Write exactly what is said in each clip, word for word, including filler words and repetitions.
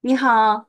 你好。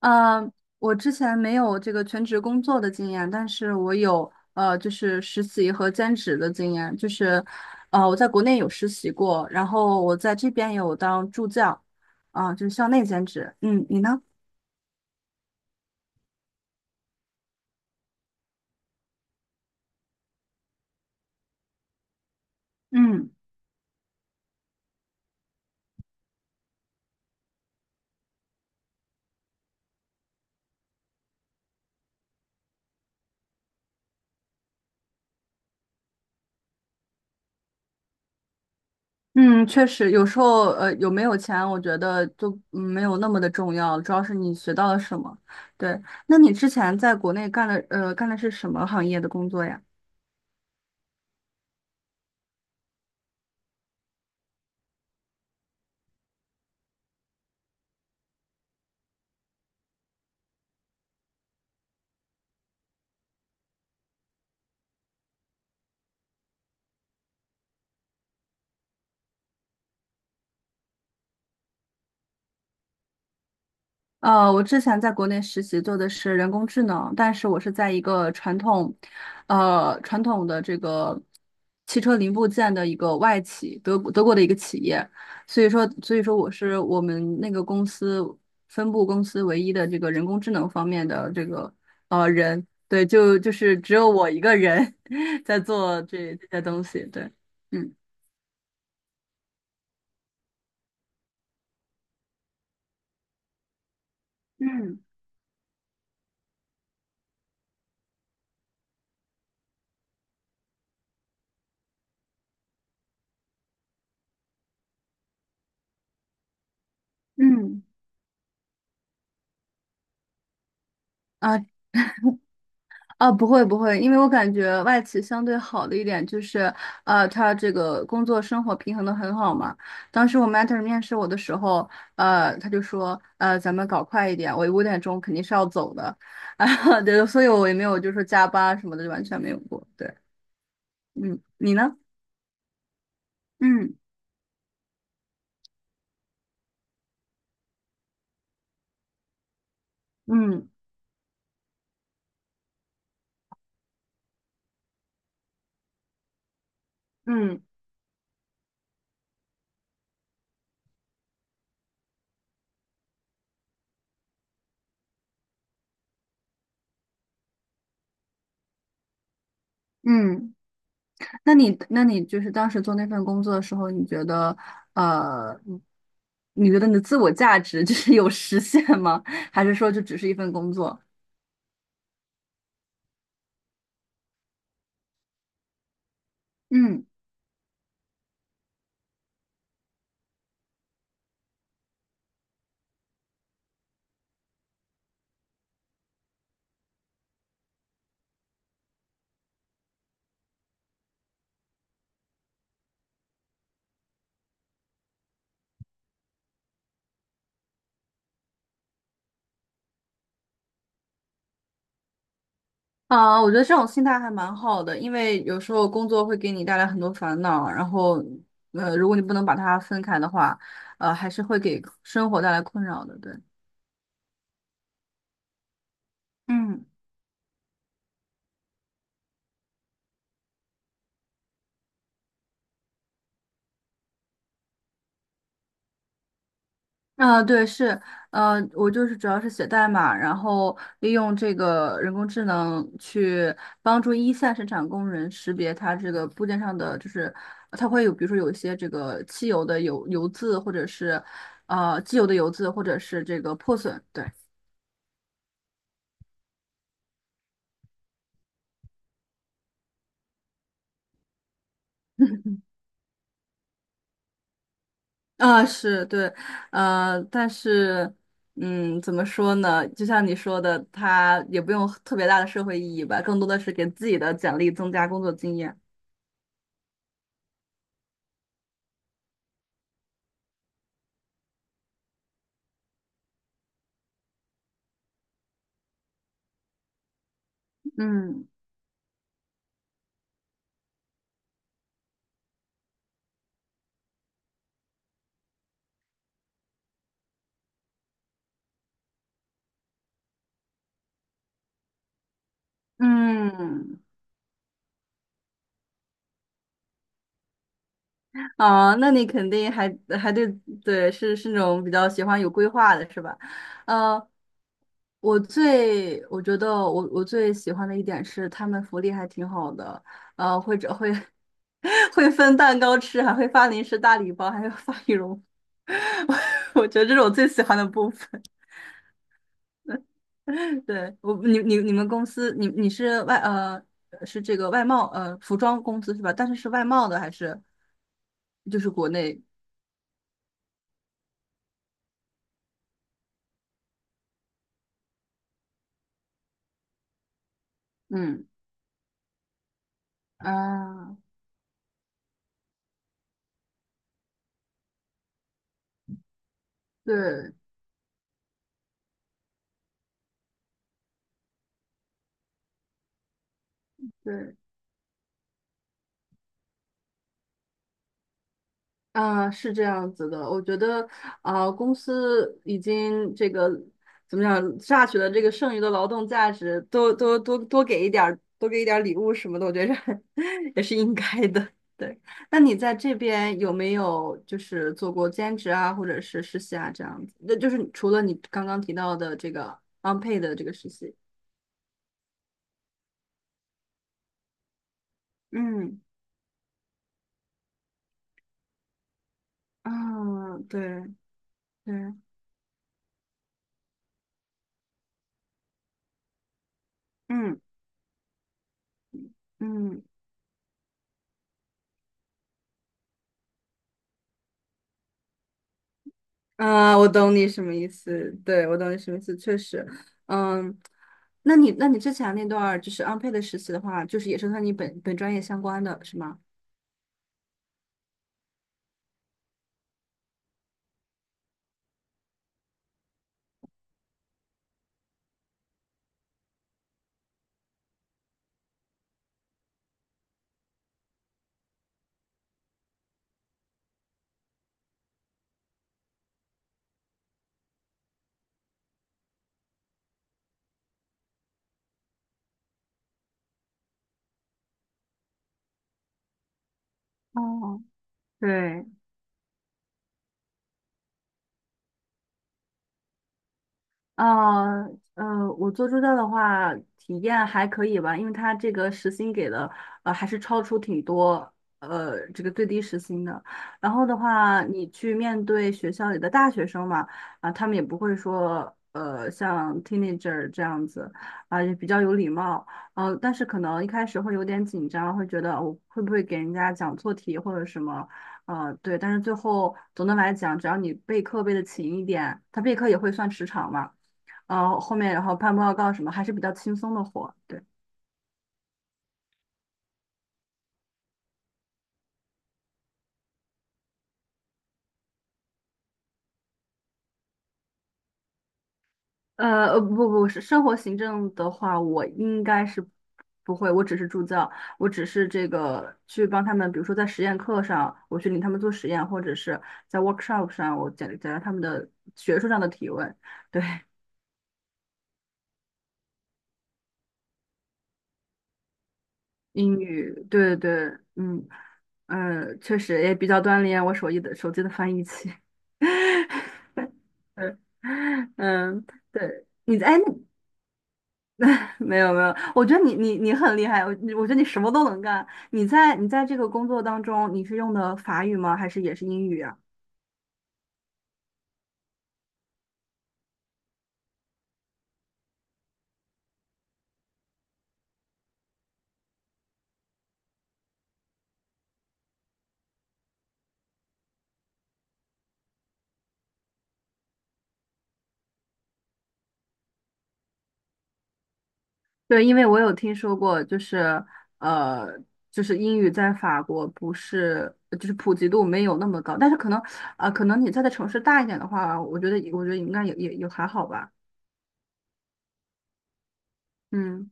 呃，我之前没有这个全职工作的经验，但是我有呃，就是实习和兼职的经验。就是呃，我在国内有实习过，然后我在这边有当助教，啊、就是校内兼职。嗯，你呢？嗯嗯，确实。有时候呃，有没有钱，我觉得就嗯没有那么的重要，主要是你学到了什么。对。那你之前在国内干的呃干的是什么行业的工作呀？呃，我之前在国内实习做的是人工智能，但是我是在一个传统，呃，传统的这个汽车零部件的一个外企，德国德国的一个企业。所以说，所以说我是我们那个公司分部公司唯一的这个人工智能方面的这个呃人，对，就就是只有我一个人 在做这这些东西，对。嗯，嗯嗯，啊。啊，不会不会，因为我感觉外企相对好的一点就是，呃，他这个工作生活平衡的很好嘛。当时我 mentor 面试我的时候，呃，他就说，呃，咱们搞快一点，我五点钟肯定是要走的。啊，对，所以我也没有就是说加班什么的，就完全没有过。对。嗯，你呢？嗯。嗯嗯。嗯。那你那你就是当时做那份工作的时候，你觉得呃，你觉得你的自我价值就是有实现吗？还是说就只是一份工作？嗯啊，我觉得这种心态还蛮好的，因为有时候工作会给你带来很多烦恼，然后，呃，如果你不能把它分开的话，呃，还是会给生活带来困扰的，对。嗯。啊，对，是，呃，我就是主要是写代码，然后利用这个人工智能去帮助一线生产工人识别它这个部件上的，就是它会有，比如说有一些这个汽油的油油渍，或者是呃机油的油渍，或者是这个破损，对。啊，是对，呃，但是，嗯，怎么说呢？就像你说的，它也不用特别大的社会意义吧，更多的是给自己的简历增加工作经验。嗯。嗯，啊，那你肯定还还，对对，是是那种比较喜欢有规划的，是吧？呃，我最我觉得我我最喜欢的一点是他们福利还挺好的，呃，或者会 会分蛋糕吃，还会发零食大礼包，还有发羽绒服 我我觉得这是我最喜欢的部分。对，我你你你们公司你你是外呃是这个外贸呃服装公司是吧？但是是外贸的还是就是国内？嗯。啊，对对。啊，是这样子的。我觉得啊，公司已经这个怎么讲，榨取了这个剩余的劳动价值，多多多多给一点儿，多给一点儿礼物什么的，我觉着 也是应该的。对。那你在这边有没有就是做过兼职啊，或者是实习啊这样子？那就是除了你刚刚提到的这个 unpaid 的这个实习。嗯，啊，对对。嗯嗯。啊，我懂你什么意思，对，我懂你什么意思，确实。嗯，那你那你之前那段儿就是 unpaid 的实习的话，就是也是和你本本专业相关的，是吗？哦，对。啊，呃，我做助教的话，体验还可以吧，因为他这个时薪给的，呃，还是超出挺多，呃，这个最低时薪的。然后的话，你去面对学校里的大学生嘛，啊、他们也不会说，呃，像 teenager 这样子，啊、也比较有礼貌。呃，但是可能一开始会有点紧张，会觉得我会不会给人家讲错题或者什么。呃，对，但是最后总的来讲，只要你备课备的勤一点，他备课也会算时长嘛，呃，后面然后判报告什么还是比较轻松的活，对。呃，呃不不是生活行政的话，我应该是不会，我只是助教，我只是这个去帮他们，比如说在实验课上，我去领他们做实验，或者是在 workshop 上，我解解答他们的学术上的提问，对。英语，对对。嗯，嗯，确实也比较锻炼我手艺的手机的翻译器。嗯，对，你在，哎。没有没有，我觉得你你你很厉害，我我觉得你什么都能干。你在你在这个工作当中，你是用的法语吗？还是也是英语啊？对，因为我有听说过，就是呃，就是英语在法国不是就是普及度没有那么高，但是可能呃可能你在的城市大一点的话，我觉得我觉得应该也也也还好吧。嗯，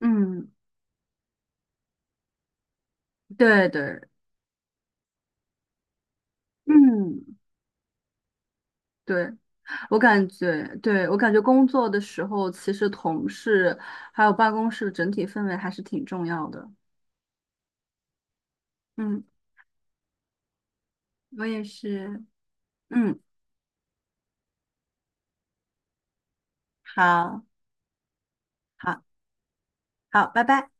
嗯，对对，嗯对。我感觉，对，我感觉工作的时候，其实同事还有办公室的整体氛围还是挺重要的。嗯，嗯，我也是。嗯，好，好，好，拜拜。